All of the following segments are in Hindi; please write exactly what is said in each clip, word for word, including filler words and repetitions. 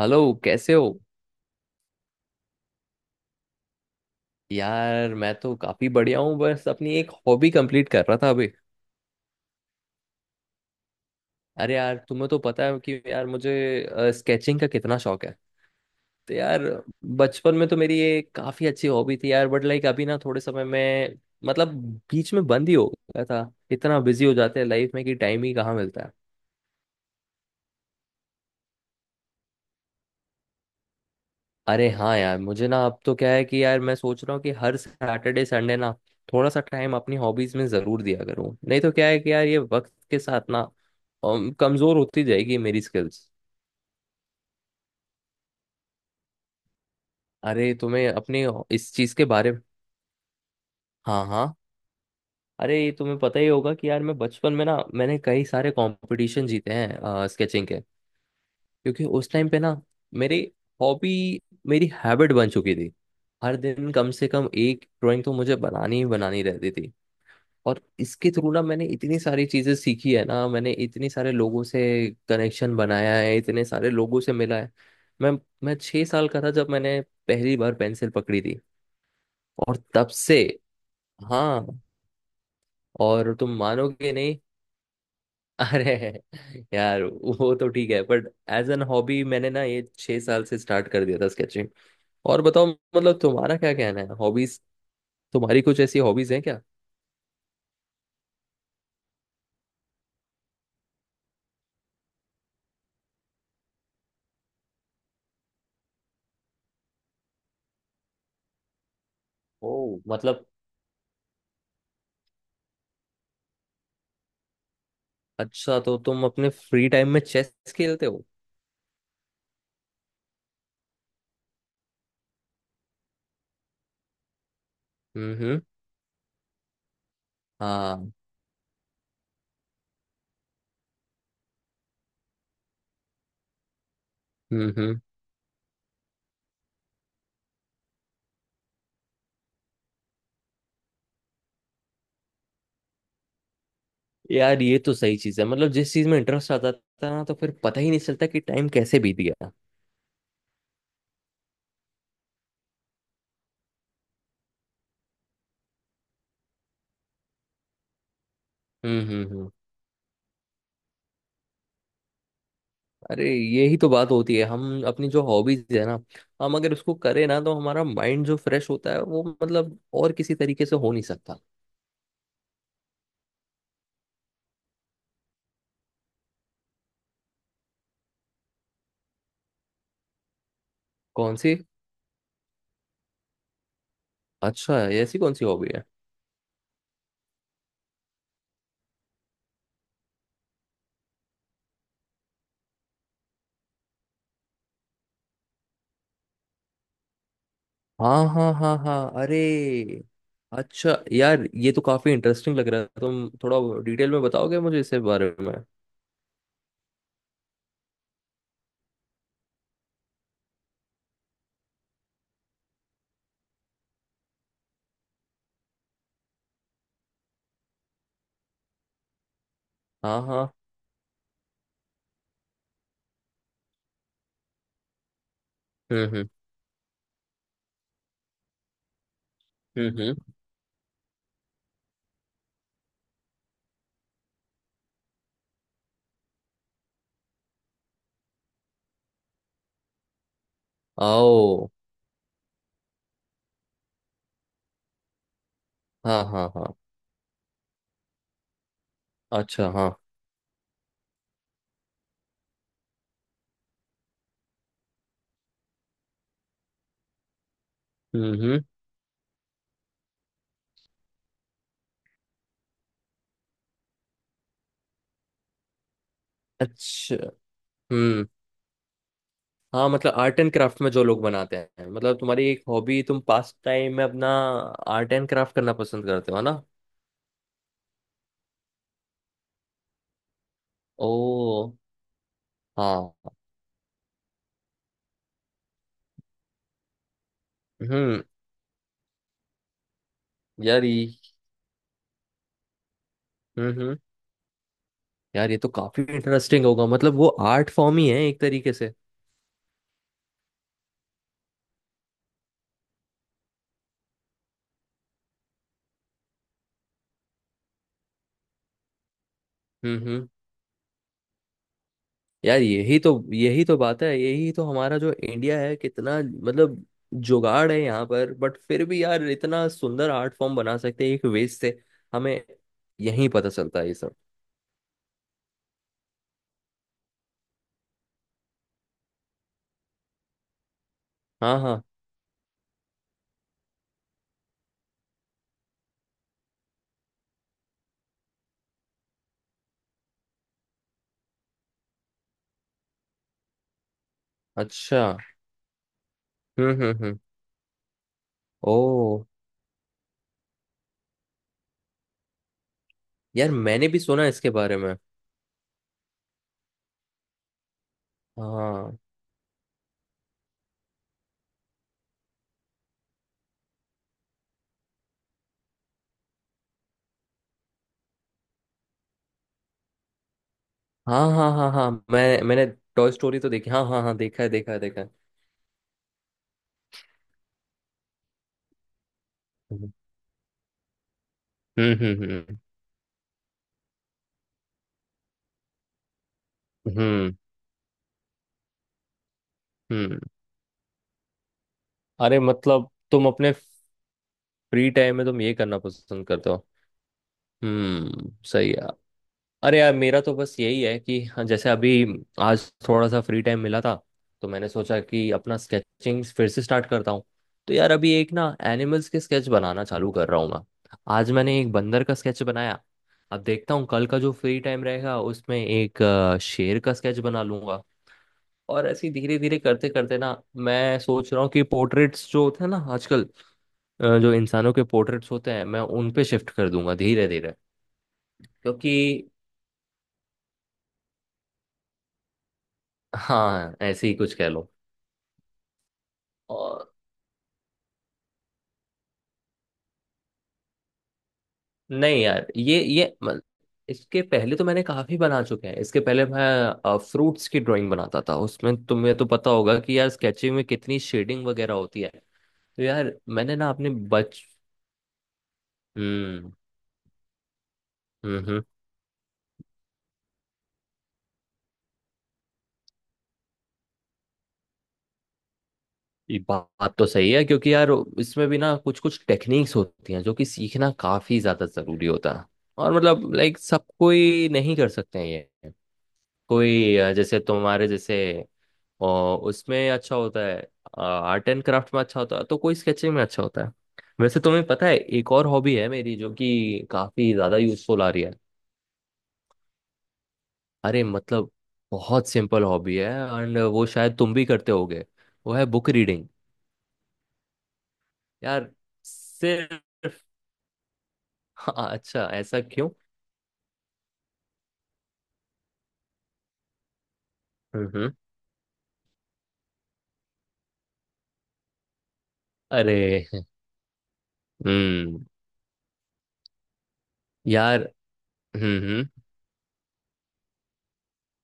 हेलो। कैसे हो? यार, मैं तो काफी बढ़िया हूँ। बस अपनी एक हॉबी कंप्लीट कर रहा था अभी। अरे यार, तुम्हें तो पता है कि यार मुझे स्केचिंग का कितना शौक है। तो यार बचपन में तो मेरी ये काफी अच्छी हॉबी थी यार, बट लाइक अभी ना थोड़े समय में मतलब बीच में बंद ही हो गया था। इतना बिजी हो जाते हैं लाइफ में कि टाइम ही कहाँ मिलता है। अरे हाँ यार, मुझे ना अब तो क्या है कि यार मैं सोच रहा हूँ कि हर सैटरडे संडे ना थोड़ा सा टाइम अपनी हॉबीज में जरूर दिया करूँ। नहीं तो क्या है कि यार ये वक्त के साथ ना अम, कमजोर होती जाएगी मेरी स्किल्स। अरे, तुम्हें अपने इस चीज के बारे में। हाँ, हाँ। अरे, ये तुम्हें पता ही होगा कि यार मैं बचपन में ना मैंने कई सारे कंपटीशन जीते हैं स्केचिंग के, क्योंकि उस टाइम पे ना मेरी हॉबी, मेरी हैबिट बन चुकी थी। हर दिन कम से कम एक ड्राइंग तो मुझे बनानी ही बनानी रहती थी। और इसके थ्रू ना मैंने इतनी सारी चीजें सीखी है ना, मैंने इतने सारे लोगों से कनेक्शन बनाया है, इतने सारे लोगों से मिला है। मैं मैं छह साल का था जब मैंने पहली बार पेंसिल पकड़ी थी। और तब से, हाँ, और तुम मानोगे नहीं। अरे यार, वो तो ठीक है बट एज एन हॉबी मैंने ना ये छह साल से स्टार्ट कर दिया था स्केचिंग। और बताओ, मतलब तुम्हारा क्या कहना है हॉबीज? तुम्हारी कुछ ऐसी हॉबीज हैं क्या? ओ, मतलब। अच्छा, तो तुम अपने फ्री टाइम में चेस खेलते हो? हम्म। हाँ। हम्म। यार, ये तो सही चीज है, मतलब जिस चीज में इंटरेस्ट आता था ना तो फिर पता ही नहीं चलता कि टाइम कैसे बीत गया। हम्म, हम्म, हम्म। अरे, यही तो बात होती है, हम अपनी जो हॉबीज है ना, हम अगर उसको करें ना तो हमारा माइंड जो फ्रेश होता है वो मतलब और किसी तरीके से हो नहीं सकता। कौन सी? अच्छा, ऐसी कौन सी हॉबी है? हाँ, हाँ, हाँ, हाँ। अरे। अच्छा यार, ये तो काफी इंटरेस्टिंग लग रहा है। तुम थोड़ा डिटेल में बताओगे मुझे इसके बारे में? हाँ, हाँ। हम्म, हम्म, हम्म। आओ। हाँ, हाँ, हाँ। अच्छा। हाँ। हम्म, हम्म। अच्छा। हम्म। हाँ, मतलब आर्ट एंड क्राफ्ट में जो लोग बनाते हैं, मतलब तुम्हारी एक हॉबी, तुम पास टाइम में अपना आर्ट एंड क्राफ्ट करना पसंद करते हो, है ना? ओ। हाँ। हम्म। यार, ये... हम्म, हम्म। यार, ये तो काफी इंटरेस्टिंग होगा, मतलब वो आर्ट फॉर्म ही है एक तरीके से। हम्म। यार, यही तो, यही तो बात है, यही तो हमारा जो इंडिया है, कितना मतलब जुगाड़ है यहाँ पर, बट फिर भी यार इतना सुंदर आर्ट फॉर्म बना सकते हैं एक वेस्ट से। हमें यही पता चलता है ये सब। हाँ, हाँ। अच्छा। हम्म, हम्म, हम्म। ओ। यार, मैंने भी सुना है इसके बारे में। हाँ, हाँ, हाँ, हाँ, हाँ। मैं मैंने टॉय स्टोरी तो देखी, हाँ, हाँ, हाँ, देखा है, देखा है, देखा है। हम्म, हम्म, हम्म, हम्म, हम्म, हम्म। अरे, मतलब तुम अपने फ्री टाइम में तुम ये करना पसंद करते हो। हम्म, सही है। अरे यार, मेरा तो बस यही है कि हाँ, जैसे अभी आज थोड़ा सा फ्री टाइम मिला था, तो मैंने सोचा कि अपना स्केचिंग फिर से स्टार्ट करता हूँ। तो यार, अभी एक ना एनिमल्स के स्केच बनाना चालू कर रहा हूँ मैं। आज मैंने एक बंदर का स्केच बनाया। अब देखता हूँ कल का जो फ्री टाइम रहेगा उसमें एक अ, शेर का स्केच बना लूंगा। और ऐसे धीरे धीरे करते करते ना मैं सोच रहा हूँ कि पोर्ट्रेट्स जो होते हैं ना आजकल, अ, जो इंसानों के पोर्ट्रेट्स होते हैं, मैं उन पे शिफ्ट कर दूंगा धीरे धीरे। क्योंकि... हाँ, ऐसे ही कुछ कह लो। और... नहीं यार, ये ये म- इसके पहले तो मैंने काफी बना चुके हैं। इसके पहले मैं फ्रूट्स की ड्राइंग बनाता था, उसमें तुम्हें तो पता होगा कि यार स्केचिंग में कितनी शेडिंग वगैरह होती है। तो यार मैंने ना अपने बच... हम्म, हम्म, हम्म। ये बात तो सही है, क्योंकि यार इसमें भी ना कुछ कुछ टेक्निक्स होती हैं जो कि सीखना काफी ज्यादा जरूरी होता है। और मतलब लाइक सब कोई नहीं कर सकते हैं ये। कोई अ, जैसे तुम्हारे जैसे, और उसमें अच्छा होता है, आर्ट एंड क्राफ्ट में अच्छा होता है, तो कोई स्केचिंग में अच्छा होता है। वैसे, तुम्हें पता है, एक और हॉबी है मेरी जो कि काफी ज्यादा यूजफुल आ रही है। अरे, मतलब बहुत सिंपल हॉबी है, एंड वो शायद तुम भी करते होगे। वो है बुक रीडिंग। यार, सिर्फ... हाँ, अच्छा ऐसा क्यों? हम्म, हम्म। अरे। हम्म। यार। हम्म, हम्म।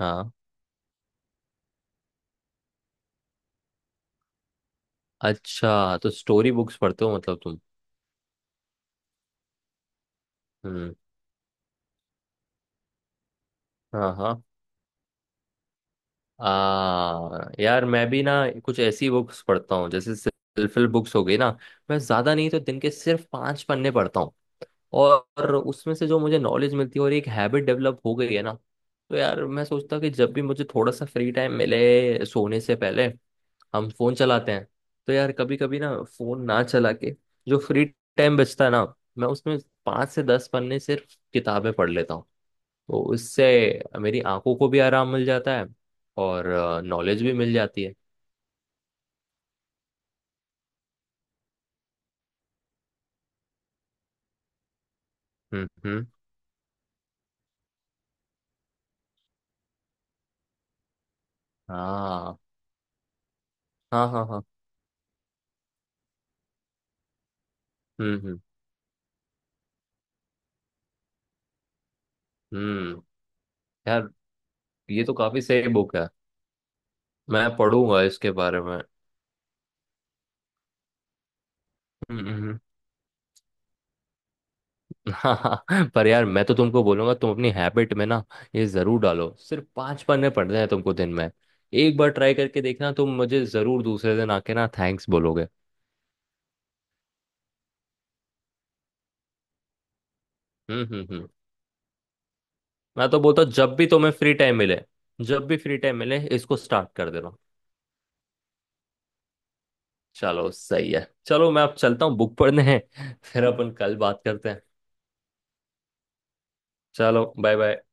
हाँ। अच्छा, तो स्टोरी बुक्स पढ़ते हो मतलब तुम? हम्म। हाँ, हाँ। आ, यार, मैं भी ना कुछ ऐसी बुक्स पढ़ता हूँ, जैसे सेल्फ हेल्प बुक्स हो गई ना। मैं ज्यादा नहीं तो दिन के सिर्फ पांच पन्ने पढ़ता हूँ, और उसमें से जो मुझे नॉलेज मिलती है और एक हैबिट डेवलप हो गई है ना। तो यार, मैं सोचता हूँ कि जब भी मुझे थोड़ा सा फ्री टाइम मिले, सोने से पहले हम फोन चलाते हैं, तो यार कभी कभी ना फोन ना चला के, जो फ्री टाइम बचता है ना, मैं उसमें पांच से दस पन्ने सिर्फ किताबें पढ़ लेता हूँ। तो उससे मेरी आंखों को भी आराम मिल जाता है, और नॉलेज भी मिल जाती है। हम्म, हम्म। हाँ, हाँ, हाँ, हाँ। हम्म, हम्म, हम्म। यार, ये तो काफी सही बुक है। मैं पढ़ूंगा इसके बारे में। हम्म, हम्म। हाँ, हाँ। पर यार, मैं तो तुमको बोलूंगा, तुम अपनी हैबिट में ना ये जरूर डालो। सिर्फ पांच पन्ने पढ़ने हैं तुमको दिन में। एक बार ट्राई करके देखना, तुम मुझे जरूर दूसरे दिन आके ना थैंक्स बोलोगे। हम्म, हम्म, हम्म। मैं तो बोलता हूँ जब भी तुम्हें फ्री टाइम मिले, जब भी फ्री टाइम मिले इसको स्टार्ट कर देना। चलो, सही है, चलो मैं अब चलता हूँ, बुक पढ़ने हैं, फिर अपन कल बात करते हैं। चलो, बाय, बाय।